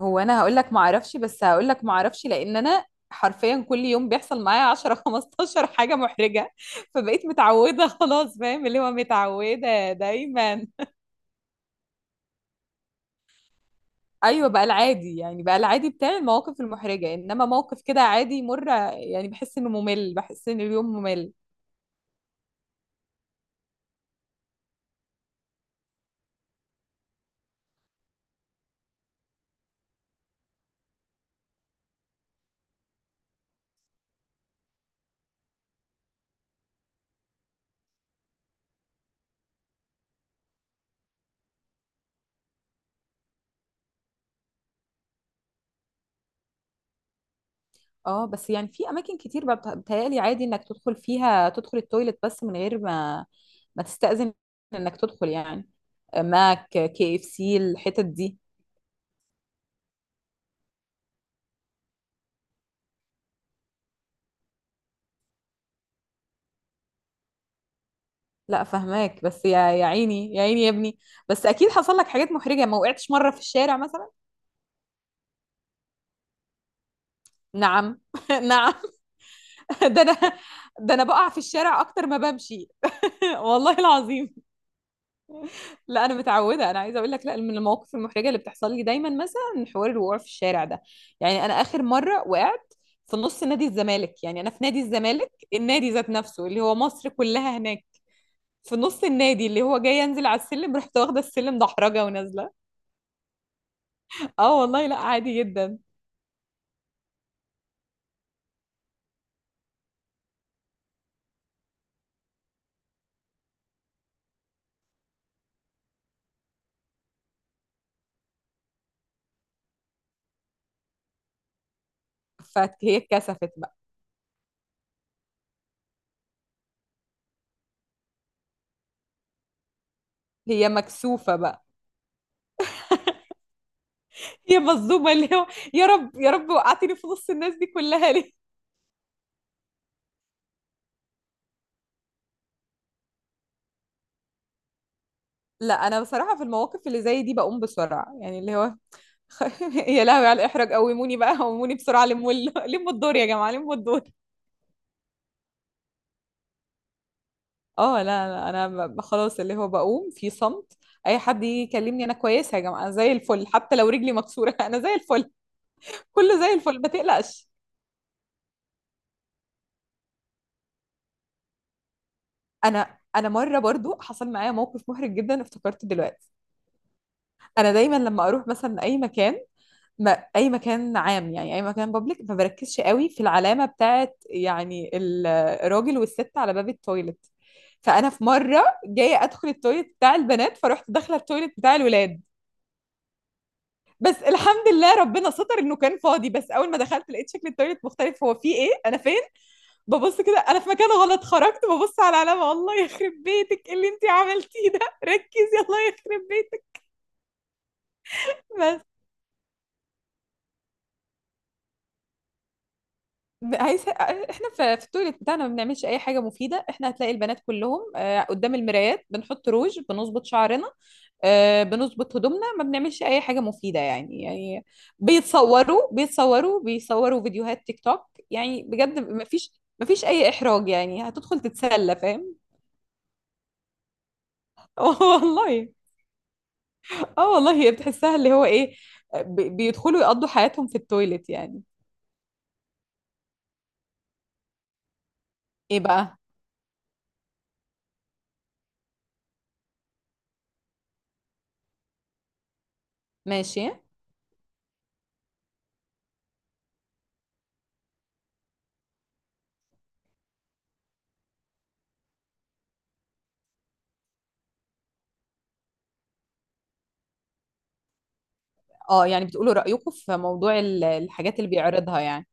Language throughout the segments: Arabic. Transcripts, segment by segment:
هو انا هقول لك ما اعرفش، بس هقول لك ما اعرفش لان انا حرفيا كل يوم بيحصل معايا 10 15 حاجه محرجه. فبقيت متعوده خلاص. فاهم؟ اللي هو متعوده دايما. ايوه، بقى العادي، يعني بقى العادي بتاعي المواقف المحرجه، انما موقف كده عادي يمر، يعني بحس انه ممل، بحس ان اليوم ممل. اه، بس يعني في اماكن كتير بقى بتهيألي عادي انك تدخل فيها، تدخل التويلت بس من غير ما تستأذن، انك تدخل يعني. ماك، كي اف سي، الحتت دي. لا فهماك، بس يا عيني، يا عيني يا ابني. بس اكيد حصل لك حاجات محرجه. ما وقعتش مره في الشارع مثلا؟ نعم. نعم. ده انا ده انا بقع في الشارع اكتر ما بمشي. والله العظيم. لا انا متعوده. انا عايزه اقول لك، لا، من المواقف المحرجه اللي بتحصل لي دايما مثلا حوار الوقوع في الشارع ده. يعني انا اخر مره وقعت في نص نادي الزمالك. يعني انا في نادي الزمالك، النادي ذات نفسه اللي هو مصر كلها هناك، في نص النادي، اللي هو جاي انزل على السلم، رحت واخده السلم دحرجه ونازله. اه والله، لا عادي جدا. فهي اتكسفت بقى. هي مكسوفة بقى. هي مظلومة، اللي هو يا رب يا رب، وقعتني في نص الناس دي كلها ليه؟ لا انا بصراحة في المواقف اللي زي دي بقوم بسرعة، يعني اللي هو يا لهوي على الاحراج، قوموني بقى، قوموني بسرعة، لموا لموا الدور يا جماعة، لموا الدور. اه لا لا، انا خلاص اللي هو بقوم في صمت. اي حد يجي يكلمني، انا كويسة يا جماعة، أنا زي الفل حتى لو رجلي مكسورة، انا زي الفل، كله زي الفل، ما تقلقش. انا مره برضو حصل معايا موقف محرج جدا، افتكرته دلوقتي. انا دايما لما اروح مثلا اي مكان، ما اي مكان عام، يعني اي مكان بابليك، ما بركزش قوي في العلامه بتاعت، يعني الراجل والست على باب التويلت. فانا في مره جايه ادخل التويلت بتاع البنات، فرحت داخله التويلت بتاع الولاد. بس الحمد لله ربنا ستر انه كان فاضي، بس اول ما دخلت لقيت شكل التويلت مختلف. هو فيه ايه، انا فين؟ ببص كده، انا في مكان غلط. خرجت ببص على العلامه، الله يخرب بيتك، إيه اللي انت عملتيه ده؟ ركزي، الله يخرب بيتك. عايز، احنا في التويليت بتاعنا ما بنعملش اي حاجه مفيده. احنا هتلاقي البنات كلهم آه، قدام المرايات بنحط روج، بنظبط شعرنا آه، بنظبط هدومنا، ما بنعملش اي حاجه مفيده، يعني بيتصوروا بيتصوروا بيصوروا فيديوهات تيك توك، يعني بجد ما فيش، ما فيش اي احراج، يعني هتدخل تتسلى، فاهم؟ والله. اه والله، هي بتحسها اللي هو ايه، بيدخلوا يقضوا حياتهم في التويليت يعني. ايه بقى؟ ماشي. اه يعني بتقولوا رايكم في موضوع الحاجات اللي بيعرضها يعني.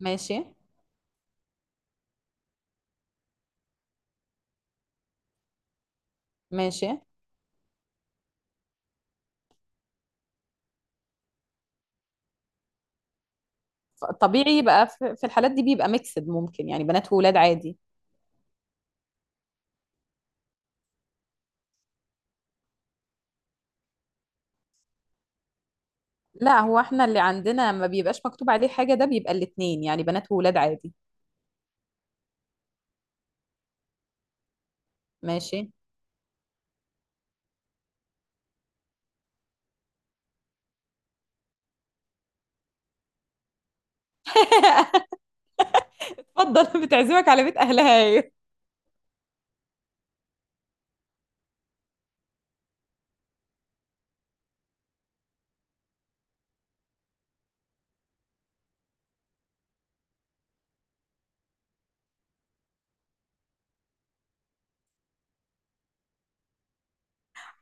ماشي. ماشي. طبيعي بقى، في الحالات دي بيبقى ميكسد، ممكن يعني بنات وولاد عادي. لا، هو احنا اللي عندنا ما بيبقاش مكتوب عليه حاجة، ده بيبقى الاتنين، يعني بنات وولاد عادي. ماشي. اتفضل، بتعزمك على بيت اهلها هي.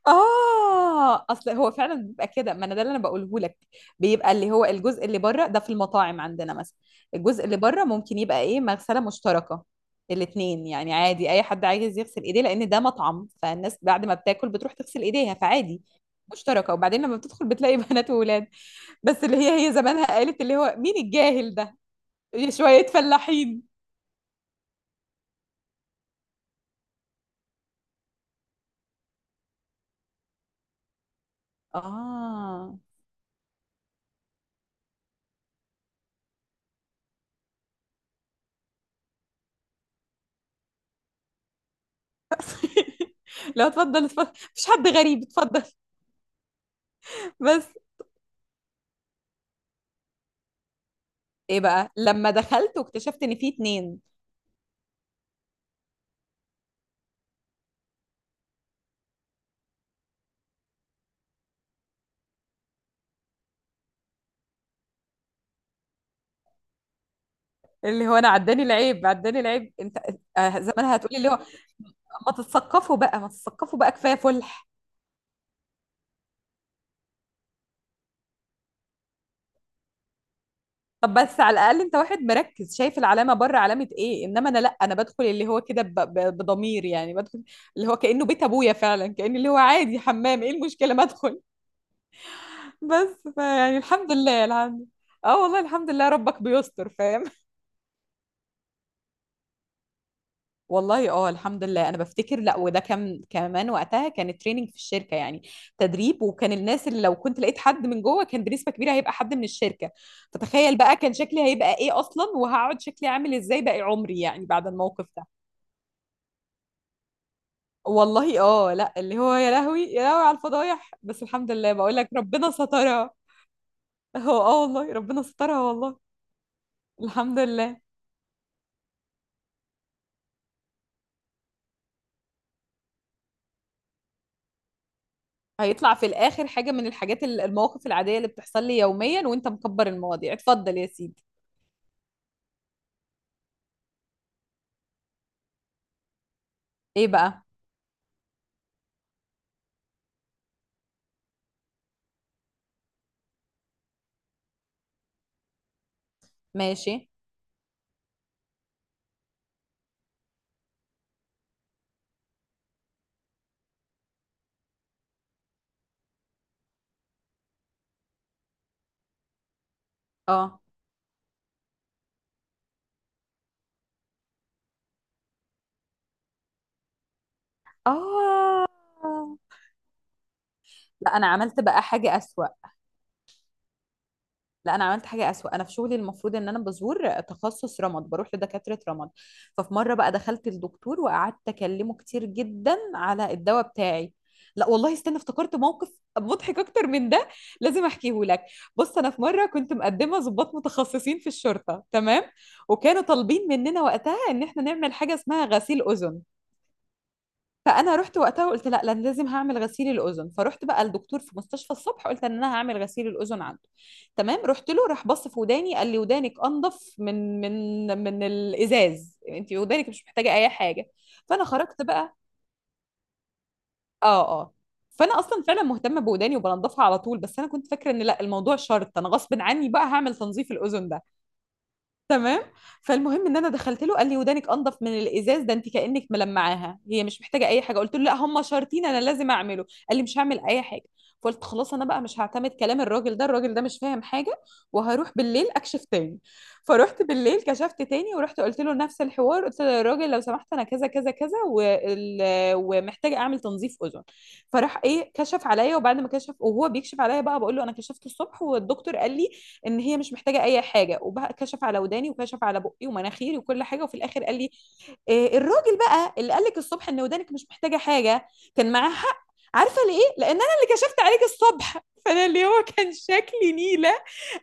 اه اصل هو فعلا بيبقى كده، ما انا ده اللي انا بقوله لك. بيبقى اللي هو الجزء اللي بره ده، في المطاعم عندنا مثلا، الجزء اللي بره ممكن يبقى ايه، مغسله مشتركه، الاثنين، يعني عادي، اي حد عايز يغسل ايديه، لان ده مطعم فالناس بعد ما بتاكل بتروح تغسل ايديها فعادي. مشتركه، وبعدين لما بتدخل بتلاقي بنات وولاد. بس اللي هي هي زمانها قالت اللي هو مين الجاهل ده، شويه فلاحين. اه. لا اتفضل اتفضل، مفيش حد غريب، اتفضل. بس ايه بقى لما دخلت واكتشفت ان في اتنين؟ اللي هو انا عداني العيب، عداني العيب انت. آه، زمانها هتقولي اللي هو، ما تتثقفوا بقى، ما تتثقفوا بقى، كفايه فلح. طب بس على الاقل انت واحد مركز، شايف العلامه بره، علامه ايه، انما انا لا، انا بدخل اللي هو كده بضمير، يعني بدخل اللي هو كانه بيت ابويا، فعلا كان اللي هو عادي، حمام، ايه المشكله ما ادخل. بس فيعني الحمد لله، الحمد. اه والله الحمد لله، ربك بيستر، فاهم؟ والله اه الحمد لله. انا بفتكر، لا، وده كان كمان وقتها كان تريننج في الشركه، يعني تدريب، وكان الناس اللي لو كنت لقيت حد من جوه كان بنسبه كبيره هيبقى حد من الشركه. فتخيل بقى كان شكلي هيبقى ايه اصلا، وهقعد شكلي عامل ازاي باقي عمري، يعني بعد الموقف ده. والله اه لا، اللي هو يا لهوي يا لهوي على الفضايح، بس الحمد لله بقول لك ربنا سترها. هو اه والله ربنا سترها والله. الحمد لله. هيطلع في الاخر حاجه من الحاجات المواقف العاديه اللي بتحصل لي يوميا، وانت مكبر المواضيع. اتفضل يا سيدي. ايه بقى؟ ماشي. اه اه. لا انا عملت بقى حاجه اسوأ. لا انا عملت حاجه اسوأ انا في شغلي المفروض ان انا بزور تخصص رمد، بروح لدكاتره رمد. ففي مره بقى دخلت الدكتور وقعدت اكلمه كتير جدا على الدواء بتاعي. لا والله استنى، افتكرت موقف مضحك اكتر من ده، لازم احكيه لك. بص، انا في مره كنت مقدمه ضباط متخصصين في الشرطه، تمام؟ وكانوا طالبين مننا وقتها ان احنا نعمل حاجه اسمها غسيل اذن. فانا رحت وقتها وقلت لا لأن لازم هعمل غسيل الاذن. فرحت بقى الدكتور في مستشفى الصبح، قلت ان انا هعمل غسيل الاذن عنده. تمام، رحت له، راح بص في وداني، قال لي ودانك انضف من من الازاز، انت ودانك مش محتاجه اي حاجه. فانا خرجت بقى. اه اه. فانا اصلا فعلا مهتمه بوداني وبنضفها على طول، بس انا كنت فاكره ان لا الموضوع شرط، انا غصب عني بقى هعمل تنظيف الاذن ده. تمام. فالمهم ان انا دخلت له، قال لي ودانك انضف من الازاز ده، انت كانك ملمعاها، هي مش محتاجه اي حاجه. قلت له لا هم شرطين، انا لازم اعمله. قال لي مش هعمل اي حاجه. فقلت خلاص، انا بقى مش هعتمد كلام الراجل ده، الراجل ده مش فاهم حاجه، وهروح بالليل اكشف تاني. فروحت بالليل كشفت تاني، ورحت قلت له نفس الحوار. قلت له يا راجل لو سمحت، انا كذا كذا كذا وال... ومحتاجه اعمل تنظيف اذن. فراح ايه، كشف عليا، وبعد ما كشف وهو بيكشف عليا بقى، بقول له انا كشفت الصبح والدكتور قال لي ان هي مش محتاجه اي حاجه. وبقى كشف على وداني، وكشف على بقي ومناخيري وكل حاجه، وفي الاخر قال لي إيه الراجل بقى اللي قال لك الصبح ان ودانك مش محتاجه حاجه؟ كان معاه حق. عارفه ليه؟ لان انا اللي كشفت عليك الصبح. فانا اللي هو كان شكلي نيله.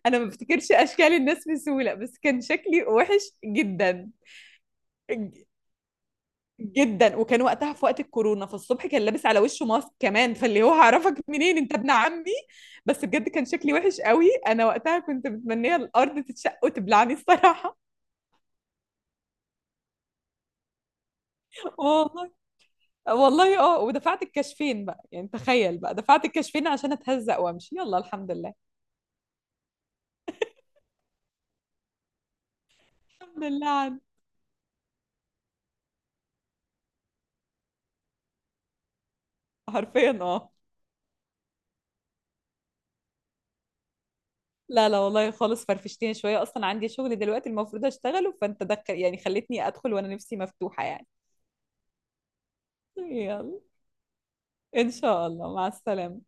انا ما بفتكرش اشكال الناس بسهوله، بس كان شكلي وحش جدا جدا. وكان وقتها في وقت الكورونا، فالصبح كان لابس على وشه ماسك كمان، فاللي هو هعرفك منين انت ابن عمي. بس بجد كان شكلي وحش قوي. انا وقتها كنت متمنيه الارض تتشق وتبلعني الصراحه. والله. والله اه، ودفعت الكشفين بقى، يعني تخيل بقى دفعت الكشفين عشان اتهزق وامشي، يلا الحمد لله. الحمد لله عنه. حرفيا اه. لا لا والله خالص، فرفشتني شويه، اصلا عندي شغل دلوقتي المفروض اشتغله، فانت دخل، يعني خلتني ادخل وانا نفسي مفتوحه يعني. يلا، ان شاء الله، مع السلامه.